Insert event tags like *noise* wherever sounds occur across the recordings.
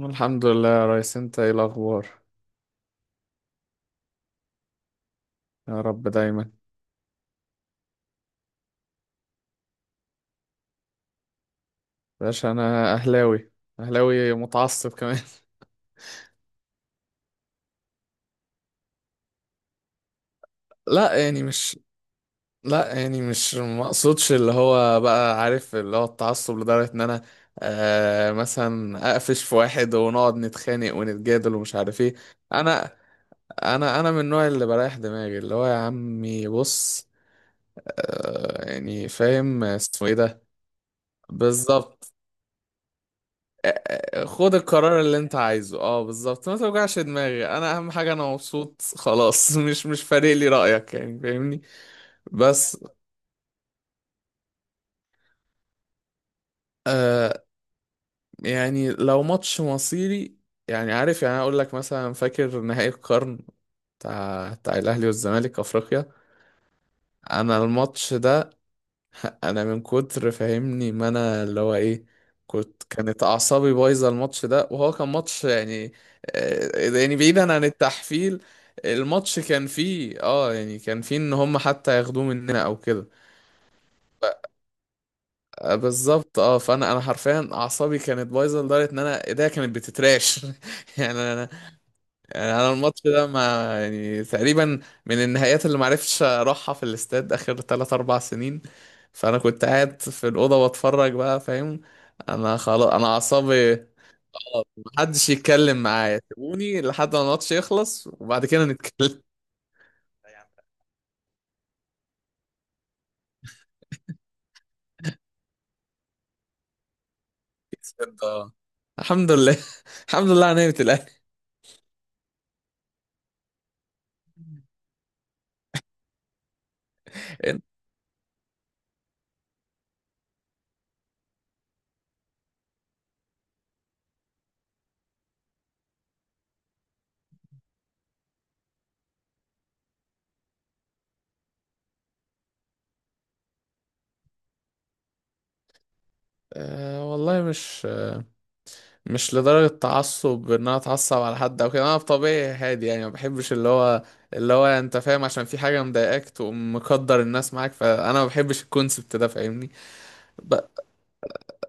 الحمد لله يا ريس، انت ايه الاخبار؟ يا رب دايما. باشا انا اهلاوي، اهلاوي متعصب كمان. *laughs* لا، يعني مش. لا، يعني مش مقصودش اللي هو، بقى عارف، اللي هو التعصب لدرجة ان انا مثلا اقفش في واحد ونقعد نتخانق ونتجادل ومش عارف ايه. انا انا انا من النوع اللي بريح دماغي، اللي هو يا عمي بص، يعني فاهم اسمه ايه ده. بالظبط، خد القرار اللي انت عايزه. اه بالظبط، ما توجعش دماغي، انا اهم حاجه انا مبسوط خلاص. *laughs* مش فارق لي رايك، يعني فاهمني. بس، آه، يعني لو ماتش مصيري، يعني عارف، يعني اقول لك مثلا فاكر نهائي القرن بتاع الاهلي والزمالك افريقيا. انا الماتش ده، *laughs* انا من كتر فاهمني، ما انا اللي هو ايه، كانت اعصابي بايظه الماتش ده، وهو كان ماتش يعني، يعني بعيدا عن التحفيل. الماتش كان فيه يعني، كان فيه ان هم حتى ياخدوه مننا او كده. بالظبط، فانا حرفيا اعصابي كانت بايظه لدرجه ان انا ايديا كانت بتتراش. *laughs* يعني انا، يعني انا الماتش ده ما، يعني تقريبا من النهايات اللي معرفتش اروحها في الاستاد اخر 3 4 سنين. فانا كنت قاعد في الاوضه بتفرج بقى، فاهم، انا خلاص، انا اعصابي، اه محدش يتكلم معايا، سيبوني لحد ما الماتش يخلص وبعد كده نتكلم. *laughs* بجد، آه. الحمد لله. *laughs* الحمد لله على نعمه الاهلي. انت، آه والله مش، مش لدرجة تعصب ان انا اتعصب على حد او كده، انا بطبيعي هادي، يعني ما بحبش اللي هو، اللي هو انت فاهم، عشان في حاجة مضايقاك تقوم مقدر الناس معاك، فانا ما بحبش الكونسبت ده، فاهمني. ب...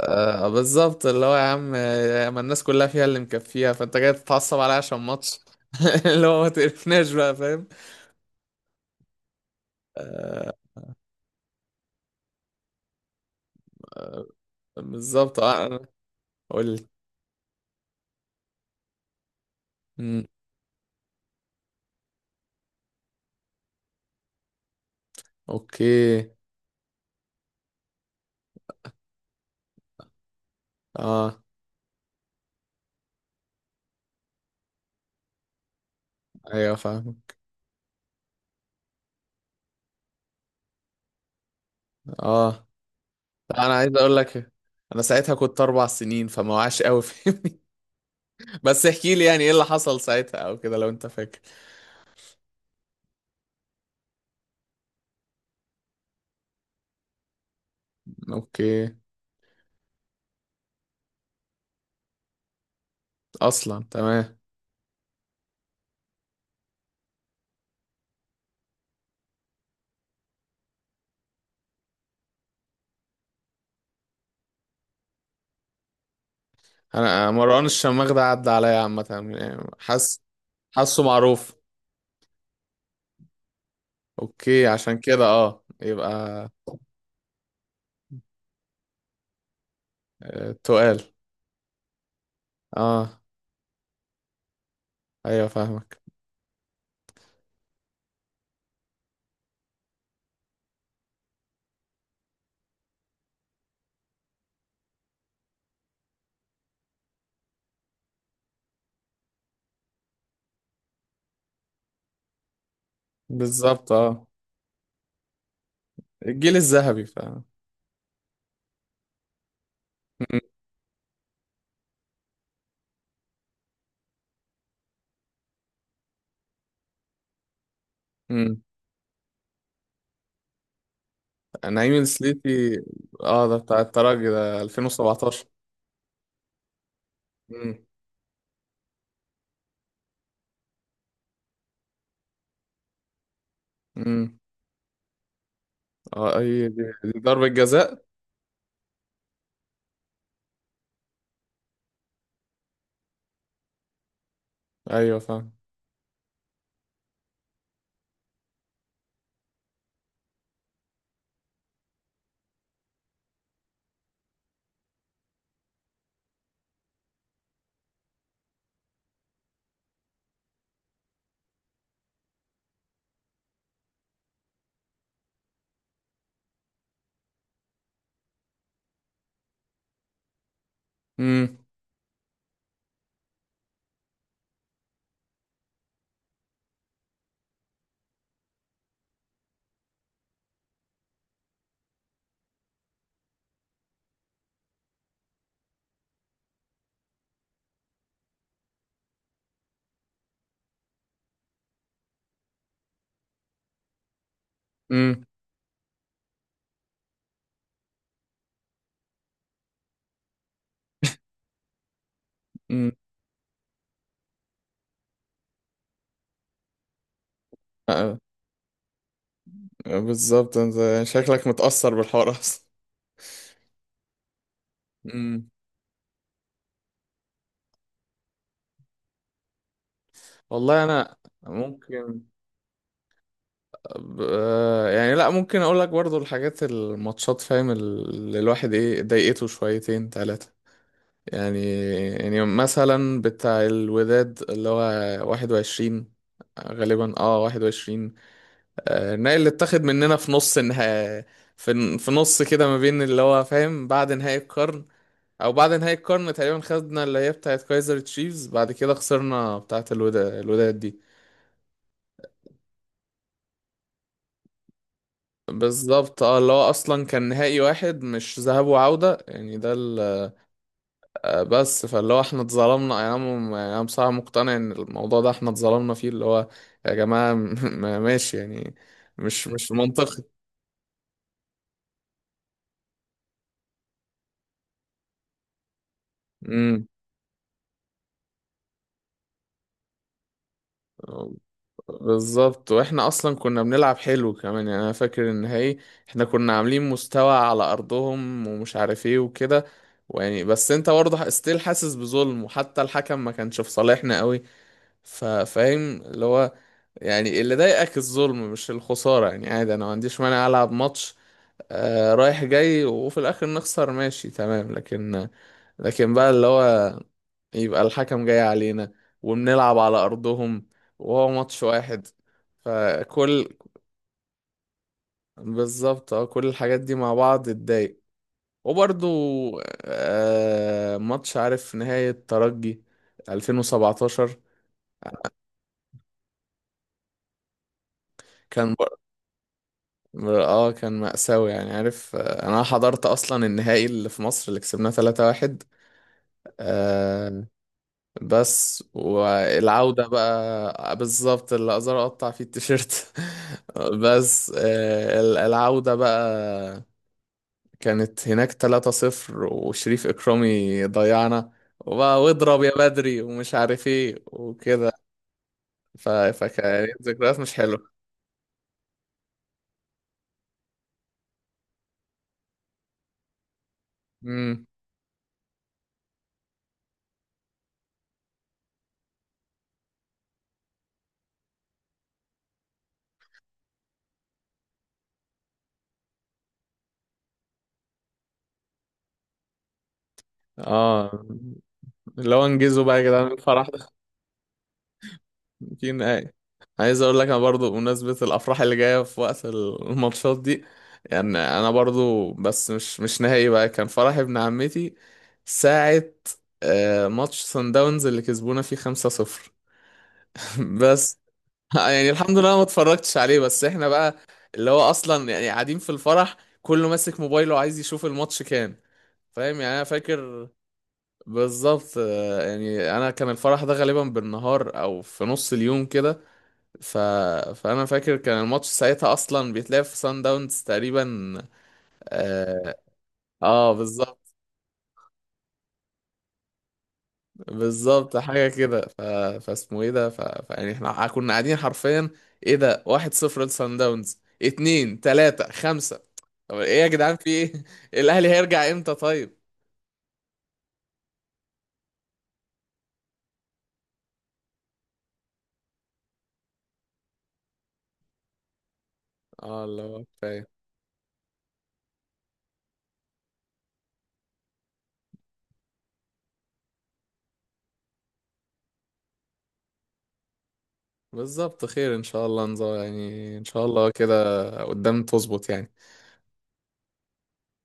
بالظبط، اللي هو يا عم، ما الناس كلها فيها اللي مكفيها، فانت جاي تتعصب عليا عشان ماتش. *laughs* اللي هو ما تقرفناش بقى، فاهم. آه بالظبط، انا قلت. مم. اوكي. اه ايوه فاهم. اه لا، انا عايز اقول لك، انا ساعتها كنت 4 سنين فما وعاش قوي. *laughs* فاهمني. بس احكي لي يعني ايه اللي حصل ساعتها او كده، لو انت فاكر. اوكي، اصلا تمام. انا مروان الشماغ ده عدى عليا عامه، يعني حاسس، حاسه معروف. اوكي، عشان كده اه يبقى آه، تقال. اه ايوه فاهمك. بالظبط الجيل الذهبي فاهم. مم. مم. نعيم السليتي. اه، ده بتاع الترجي، ده 2017. مم. مم. اه اي، دي ضربة جزاء. ايوه فاهم. امم. امم. بالظبط، انت شكلك متأثر بالحوار اصلا. امم. والله انا ممكن، يعني لا، ممكن اقول لك برضو الحاجات، الماتشات فاهم اللي الواحد ايه ضايقته، شويتين ثلاثة. يعني، يعني مثلا بتاع الوداد اللي هو 21، غالبا اه 21، آه النهائي اللي اتاخد مننا في نص النهائي، في نص كده ما بين اللي هو فاهم، بعد نهائي القرن او بعد نهاية القرن تقريبا، خدنا اللي هي بتاعت كايزر تشيفز، بعد كده خسرنا بتاعت الودا، الوداد دي. بالظبط، اه اللي هو اصلا كان نهائي واحد مش ذهاب وعودة، يعني ده آه، بس فاللي هو احنا اتظلمنا، يعني انا، يعني انا بصراحة مقتنع ان الموضوع ده احنا اتظلمنا فيه، اللي هو يا جماعة. *laughs* ماشي يعني، مش منطقي. امم. بالظبط، واحنا اصلا كنا بنلعب حلو كمان، يعني انا فاكر النهائي احنا كنا عاملين مستوى على ارضهم ومش عارف ايه وكده. ويعني بس انت برضه ستيل حاسس بظلم، وحتى الحكم ما كانش في صالحنا قوي. فاهم اللي هو، يعني اللي ضايقك الظلم مش الخسارة. يعني عادي، انا ما عنديش مانع العب ماتش آه رايح جاي وفي الاخر نخسر، ماشي تمام، لكن، لكن بقى اللي هو، يبقى الحكم جاي علينا، وبنلعب على أرضهم، وهو ماتش واحد. فكل، بالظبط، اه كل الحاجات دي مع بعض اتضايق. وبرضو آه ماتش، عارف، نهاية ترجي 2017. كان، اه كان مأساوي، يعني عارف. آه، انا حضرت اصلا النهائي اللي في مصر اللي كسبناه 3-1، بس والعودة بقى بالظبط اللي أقدر أقطع فيه التيشيرت. *laughs* بس آه، العودة بقى كانت هناك 3-0 وشريف إكرامي ضيعنا، وبقى واضرب يا بدري ومش عارف ايه وكده. فكانت ذكريات مش حلوة. امم. اه اللي هو انجزوا بقى يا جدعان الفرح. يمكن اي، عايز اقول لك انا برضو بمناسبة الافراح اللي جاية في وقت الماتشات دي. يعني انا برضو، بس مش نهائي بقى، كان فرح ابن عمتي ساعة آه، ماتش سان داونز اللي كسبونا فيه 5-0. *laughs* بس آه، يعني الحمد لله ما اتفرجتش عليه. بس احنا بقى اللي هو اصلا، يعني قاعدين في الفرح كله ماسك موبايله عايز يشوف الماتش كام. فاهم؟ يعني انا فاكر بالظبط، آه، يعني انا كان الفرح ده غالبا بالنهار او في نص اليوم كده. ف... فانا فاكر كان الماتش ساعتها اصلا بيتلعب في سان داونز تقريبا. اه، آه بالظبط. بالظبط حاجه كده. فاسمه ايه ده؟ فيعني احنا كنا قاعدين حرفيا، ايه ده، 1-0 لسان داونز، اتنين، تلاته، خمسه. طب ايه يا جدعان؟ في ايه؟ *laughs* الاهلي هيرجع امتى طيب؟ اه اللي هو كفايه. بالظبط خير ان شاء الله. يعني ان شاء الله كده قدام تظبط يعني.